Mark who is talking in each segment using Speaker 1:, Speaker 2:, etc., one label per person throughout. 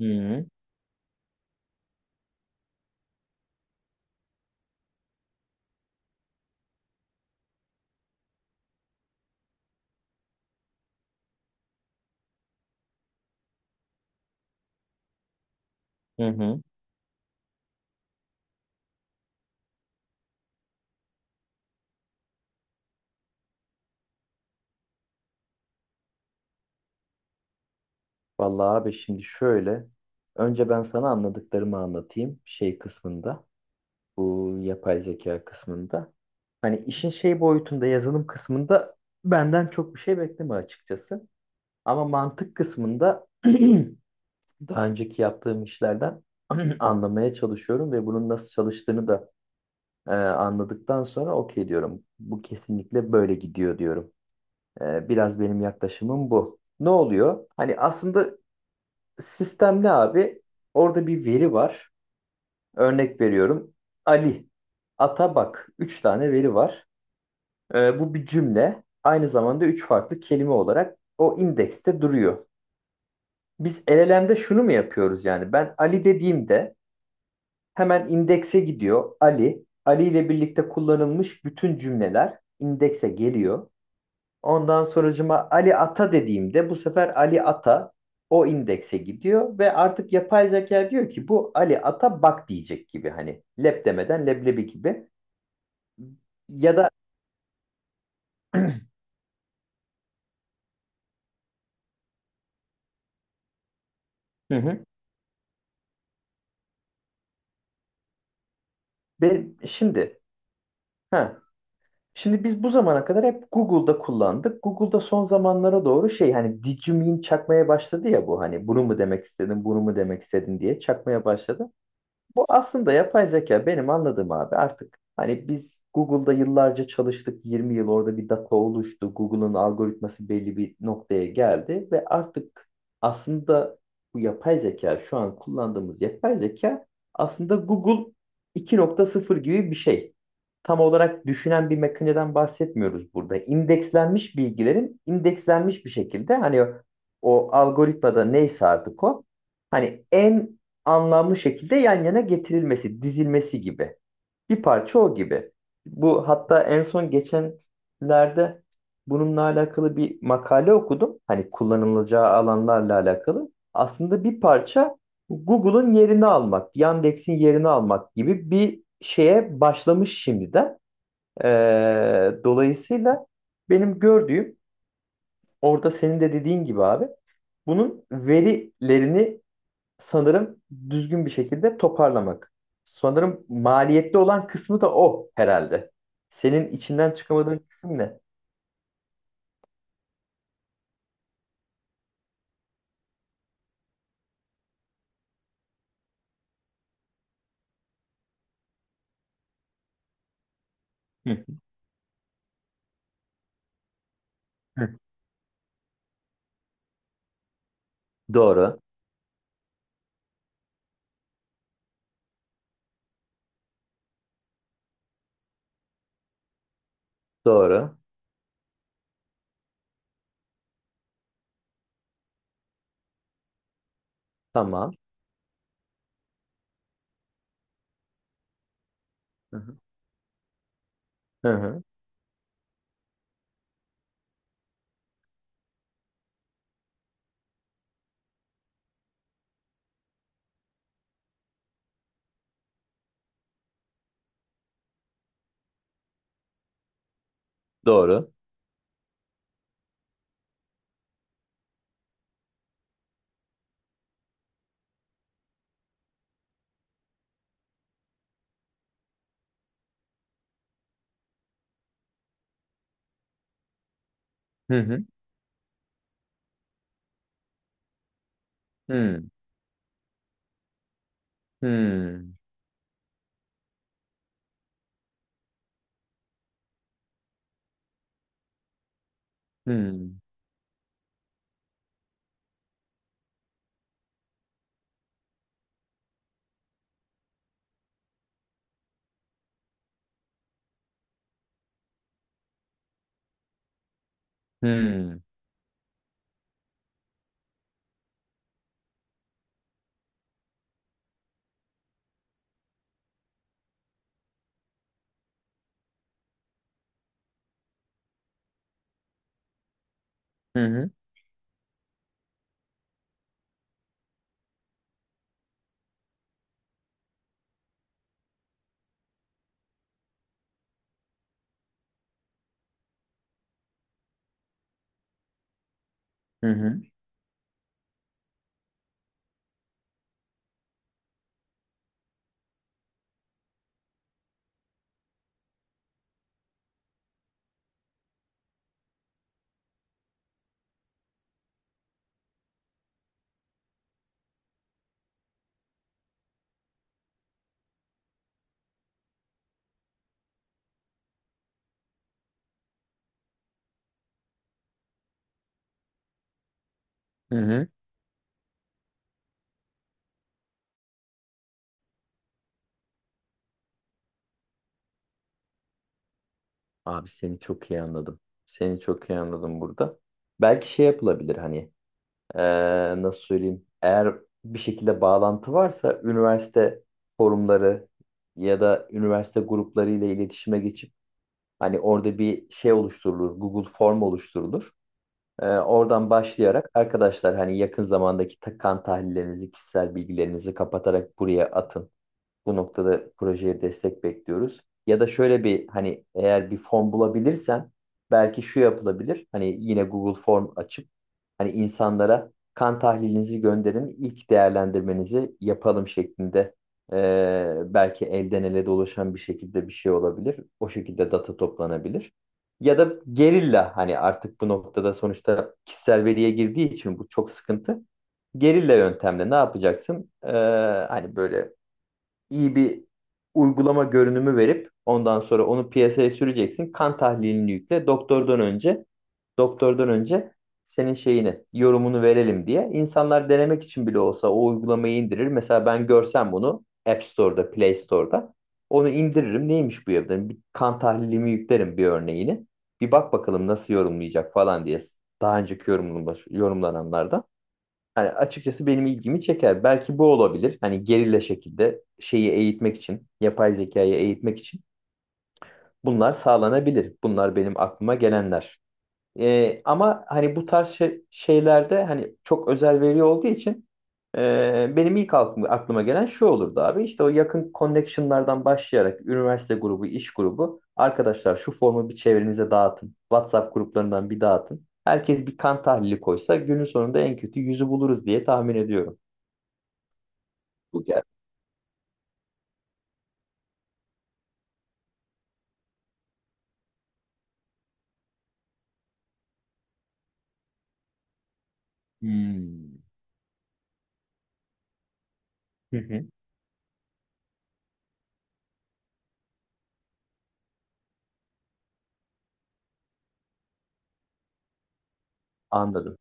Speaker 1: Hı hı. Hı hı. Vallahi abi, şimdi şöyle. Önce ben sana anladıklarımı anlatayım şey kısmında. Bu yapay zeka kısmında. Hani işin şey boyutunda yazılım kısmında benden çok bir şey bekleme açıkçası. Ama mantık kısmında daha önceki yaptığım işlerden anlamaya çalışıyorum ve bunun nasıl çalıştığını da anladıktan sonra okey diyorum. Bu kesinlikle böyle gidiyor diyorum. Biraz benim yaklaşımım bu. Ne oluyor? Hani aslında sistem ne abi? Orada bir veri var. Örnek veriyorum. Ali, Atabak. Üç tane veri var. Bu bir cümle. Aynı zamanda üç farklı kelime olarak o indekste duruyor. Biz LLM'de şunu mu yapıyoruz yani? Ben Ali dediğimde hemen indekse gidiyor. Ali, Ali ile birlikte kullanılmış bütün cümleler indekse geliyor. Ondan sonracıma Ali Ata dediğimde bu sefer Ali Ata o indekse gidiyor ve artık yapay zeka diyor ki bu Ali Ata bak diyecek gibi, hani lep demeden leblebi gibi ya da hı hı. Ve ha şimdi biz bu zamana kadar hep Google'da kullandık. Google'da son zamanlara doğru şey, hani did you mean çakmaya başladı ya, bu hani bunu mu demek istedin bunu mu demek istedin diye çakmaya başladı. Bu aslında yapay zeka benim anladığım abi, artık hani biz Google'da yıllarca çalıştık, 20 yıl orada bir data oluştu. Google'ın algoritması belli bir noktaya geldi ve artık aslında bu yapay zeka, şu an kullandığımız yapay zeka aslında Google iki nokta sıfır gibi bir şey. Tam olarak düşünen bir makineden bahsetmiyoruz burada. İndekslenmiş bilgilerin indekslenmiş bir şekilde, hani o algoritmada neyse artık o, hani en anlamlı şekilde yan yana getirilmesi, dizilmesi gibi. Bir parça o gibi. Bu hatta en son geçenlerde bununla alakalı bir makale okudum. Hani kullanılacağı alanlarla alakalı. Aslında bir parça Google'ın yerini almak, Yandex'in yerini almak gibi bir şeye başlamış şimdiden. Dolayısıyla benim gördüğüm, orada senin de dediğin gibi abi, bunun verilerini sanırım düzgün bir şekilde toparlamak. Sanırım maliyetli olan kısmı da o herhalde. Senin içinden çıkamadığın kısım ne? Hı. Hı. Doğru, doğru, tamam. Hı hı. Hı hı. Doğru. Hı hı. Hı. Hı. Hı. Hı. Hı hı. Hı hı. Hı hı. Abi seni çok iyi anladım. Seni çok iyi anladım burada. Belki şey yapılabilir hani. Nasıl söyleyeyim? Eğer bir şekilde bağlantı varsa üniversite forumları ya da üniversite grupları ile iletişime geçip hani orada bir şey oluşturulur, Google Form oluşturulur. Oradan başlayarak arkadaşlar hani yakın zamandaki kan tahlillerinizi, kişisel bilgilerinizi kapatarak buraya atın, bu noktada projeye destek bekliyoruz. Ya da şöyle bir hani, eğer bir form bulabilirsen belki şu yapılabilir. Hani yine Google Form açıp hani insanlara kan tahlilinizi gönderin, ilk değerlendirmenizi yapalım şeklinde, belki elden ele dolaşan bir şekilde bir şey olabilir. O şekilde data toplanabilir. Ya da gerilla, hani artık bu noktada sonuçta kişisel veriye girdiği için bu çok sıkıntı. Gerilla yöntemle ne yapacaksın? Hani böyle iyi bir uygulama görünümü verip ondan sonra onu piyasaya süreceksin. Kan tahlilini yükle. Doktordan önce senin şeyini, yorumunu verelim diye. İnsanlar denemek için bile olsa o uygulamayı indirir. Mesela ben görsem bunu App Store'da, Play Store'da onu indiririm. Neymiş bu ya? Derim. Bir kan tahlilimi yüklerim, bir örneğini. Bir bak bakalım nasıl yorumlayacak falan diye. Daha önceki yorumlananlardan. Hani açıkçası benim ilgimi çeker. Belki bu olabilir. Hani gerilla şekilde şeyi eğitmek için, yapay zekayı eğitmek için bunlar sağlanabilir. Bunlar benim aklıma gelenler. Ama hani bu tarz şeylerde hani çok özel veri olduğu için benim ilk aklıma gelen şu olurdu abi. İşte o yakın connection'lardan başlayarak üniversite grubu, iş grubu. Arkadaşlar şu formu bir çevrenize dağıtın. WhatsApp gruplarından bir dağıtın. Herkes bir kan tahlili koysa günün sonunda en kötü yüzü buluruz diye tahmin ediyorum. Bu geldi. Hmm. Hı hı. Anladım.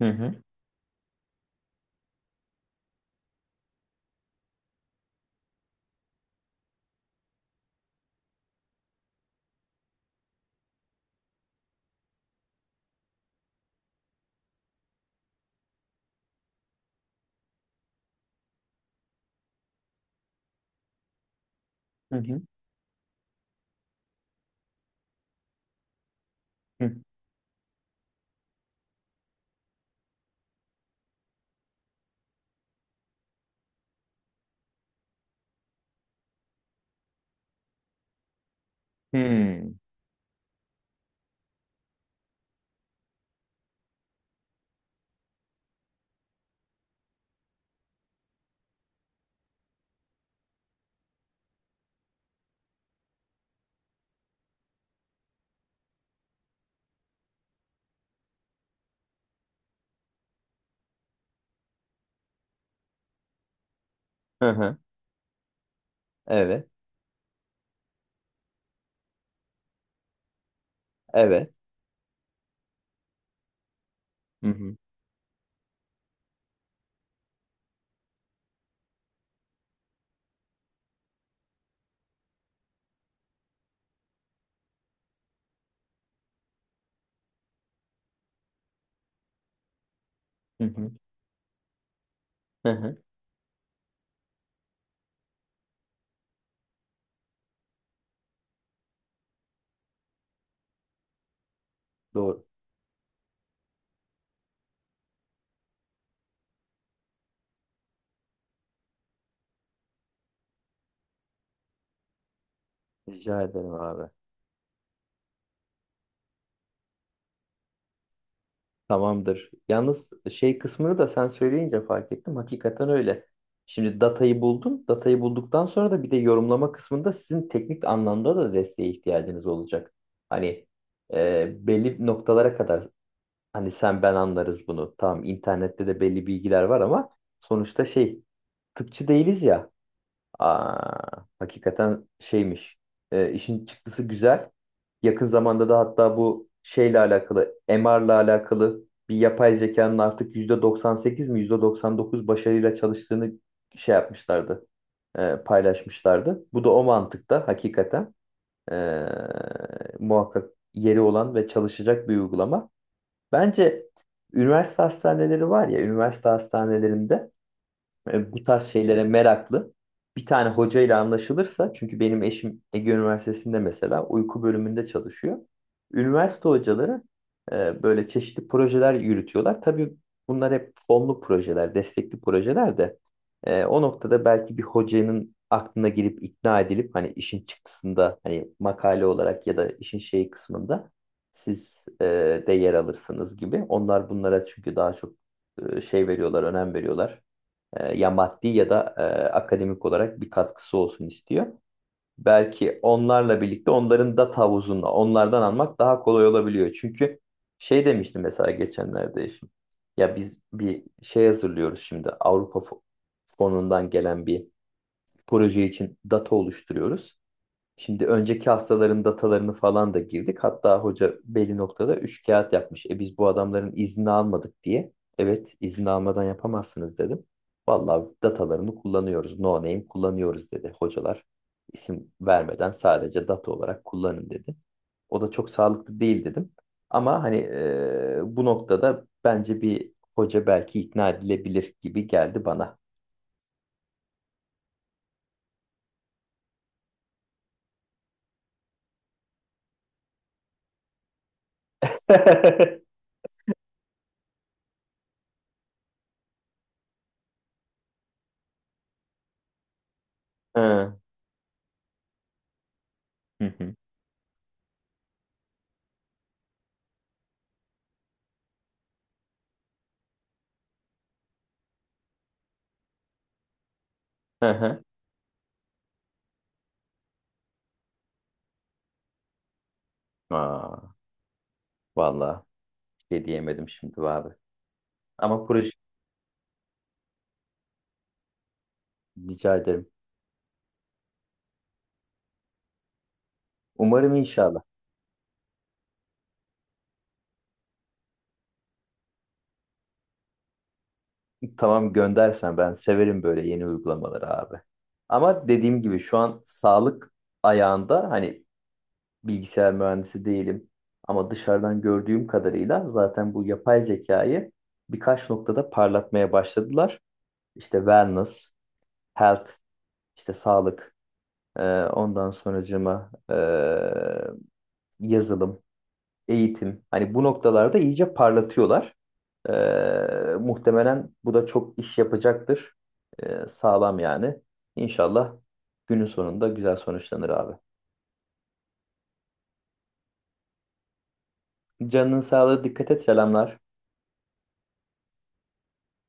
Speaker 1: Hı hı. Hı hı. Hı. Hmm. Hı hı. Evet. Evet. Hı hı. Hı hı. Hı hı. Doğru. Rica ederim abi. Tamamdır. Yalnız şey kısmını da sen söyleyince fark ettim. Hakikaten öyle. Şimdi datayı buldum. Datayı bulduktan sonra da bir de yorumlama kısmında sizin teknik anlamda da desteğe ihtiyacınız olacak. Hani belli noktalara kadar hani sen ben anlarız bunu. Tamam, internette de belli bilgiler var ama sonuçta şey, tıpçı değiliz ya. Aa, hakikaten şeymiş. E, işin çıktısı güzel. Yakın zamanda da hatta bu şeyle alakalı, MR'la alakalı bir yapay zekanın artık %98 mi %99 başarıyla çalıştığını şey yapmışlardı, paylaşmışlardı. Bu da o mantıkta hakikaten e, muhakkak yeri olan ve çalışacak bir uygulama. Bence üniversite hastaneleri var ya, üniversite hastanelerinde bu tarz şeylere meraklı bir tane hocayla anlaşılırsa, çünkü benim eşim Ege Üniversitesi'nde mesela uyku bölümünde çalışıyor. Üniversite hocaları böyle çeşitli projeler yürütüyorlar. Tabii bunlar hep fonlu projeler, destekli projeler de o noktada belki bir hocanın aklına girip ikna edilip hani işin çıktısında hani makale olarak ya da işin şey kısmında siz de yer alırsınız gibi. Onlar bunlara çünkü daha çok şey veriyorlar, önem veriyorlar, ya maddi ya da akademik olarak bir katkısı olsun istiyor. Belki onlarla birlikte onların data havuzunda onlardan almak daha kolay olabiliyor. Çünkü şey demiştim mesela geçenlerde eşim. Ya biz bir şey hazırlıyoruz şimdi, Avrupa fonundan gelen bir proje için data oluşturuyoruz. Şimdi önceki hastaların datalarını falan da girdik. Hatta hoca belli noktada üç kağıt yapmış. Biz bu adamların izni almadık diye. Evet, izni almadan yapamazsınız dedim. Vallahi datalarını kullanıyoruz. No name kullanıyoruz dedi hocalar. İsim vermeden sadece data olarak kullanın dedi. O da çok sağlıklı değil dedim. Ama hani bu noktada bence bir hoca belki ikna edilebilir gibi geldi bana. Hı hı. Hı hı. Aa, vallahi. Şey diyemedim şimdi abi. Ama proje, rica ederim. Umarım, inşallah. Tamam, göndersen ben severim böyle yeni uygulamaları abi. Ama dediğim gibi şu an sağlık ayağında hani, bilgisayar mühendisi değilim. Ama dışarıdan gördüğüm kadarıyla zaten bu yapay zekayı birkaç noktada parlatmaya başladılar. İşte wellness, health, işte sağlık, ondan sonracığıma, yazılım, eğitim. Hani bu noktalarda iyice parlatıyorlar. Muhtemelen bu da çok iş yapacaktır. Sağlam yani. İnşallah günün sonunda güzel sonuçlanır abi. Canının sağlığı, dikkat et, selamlar.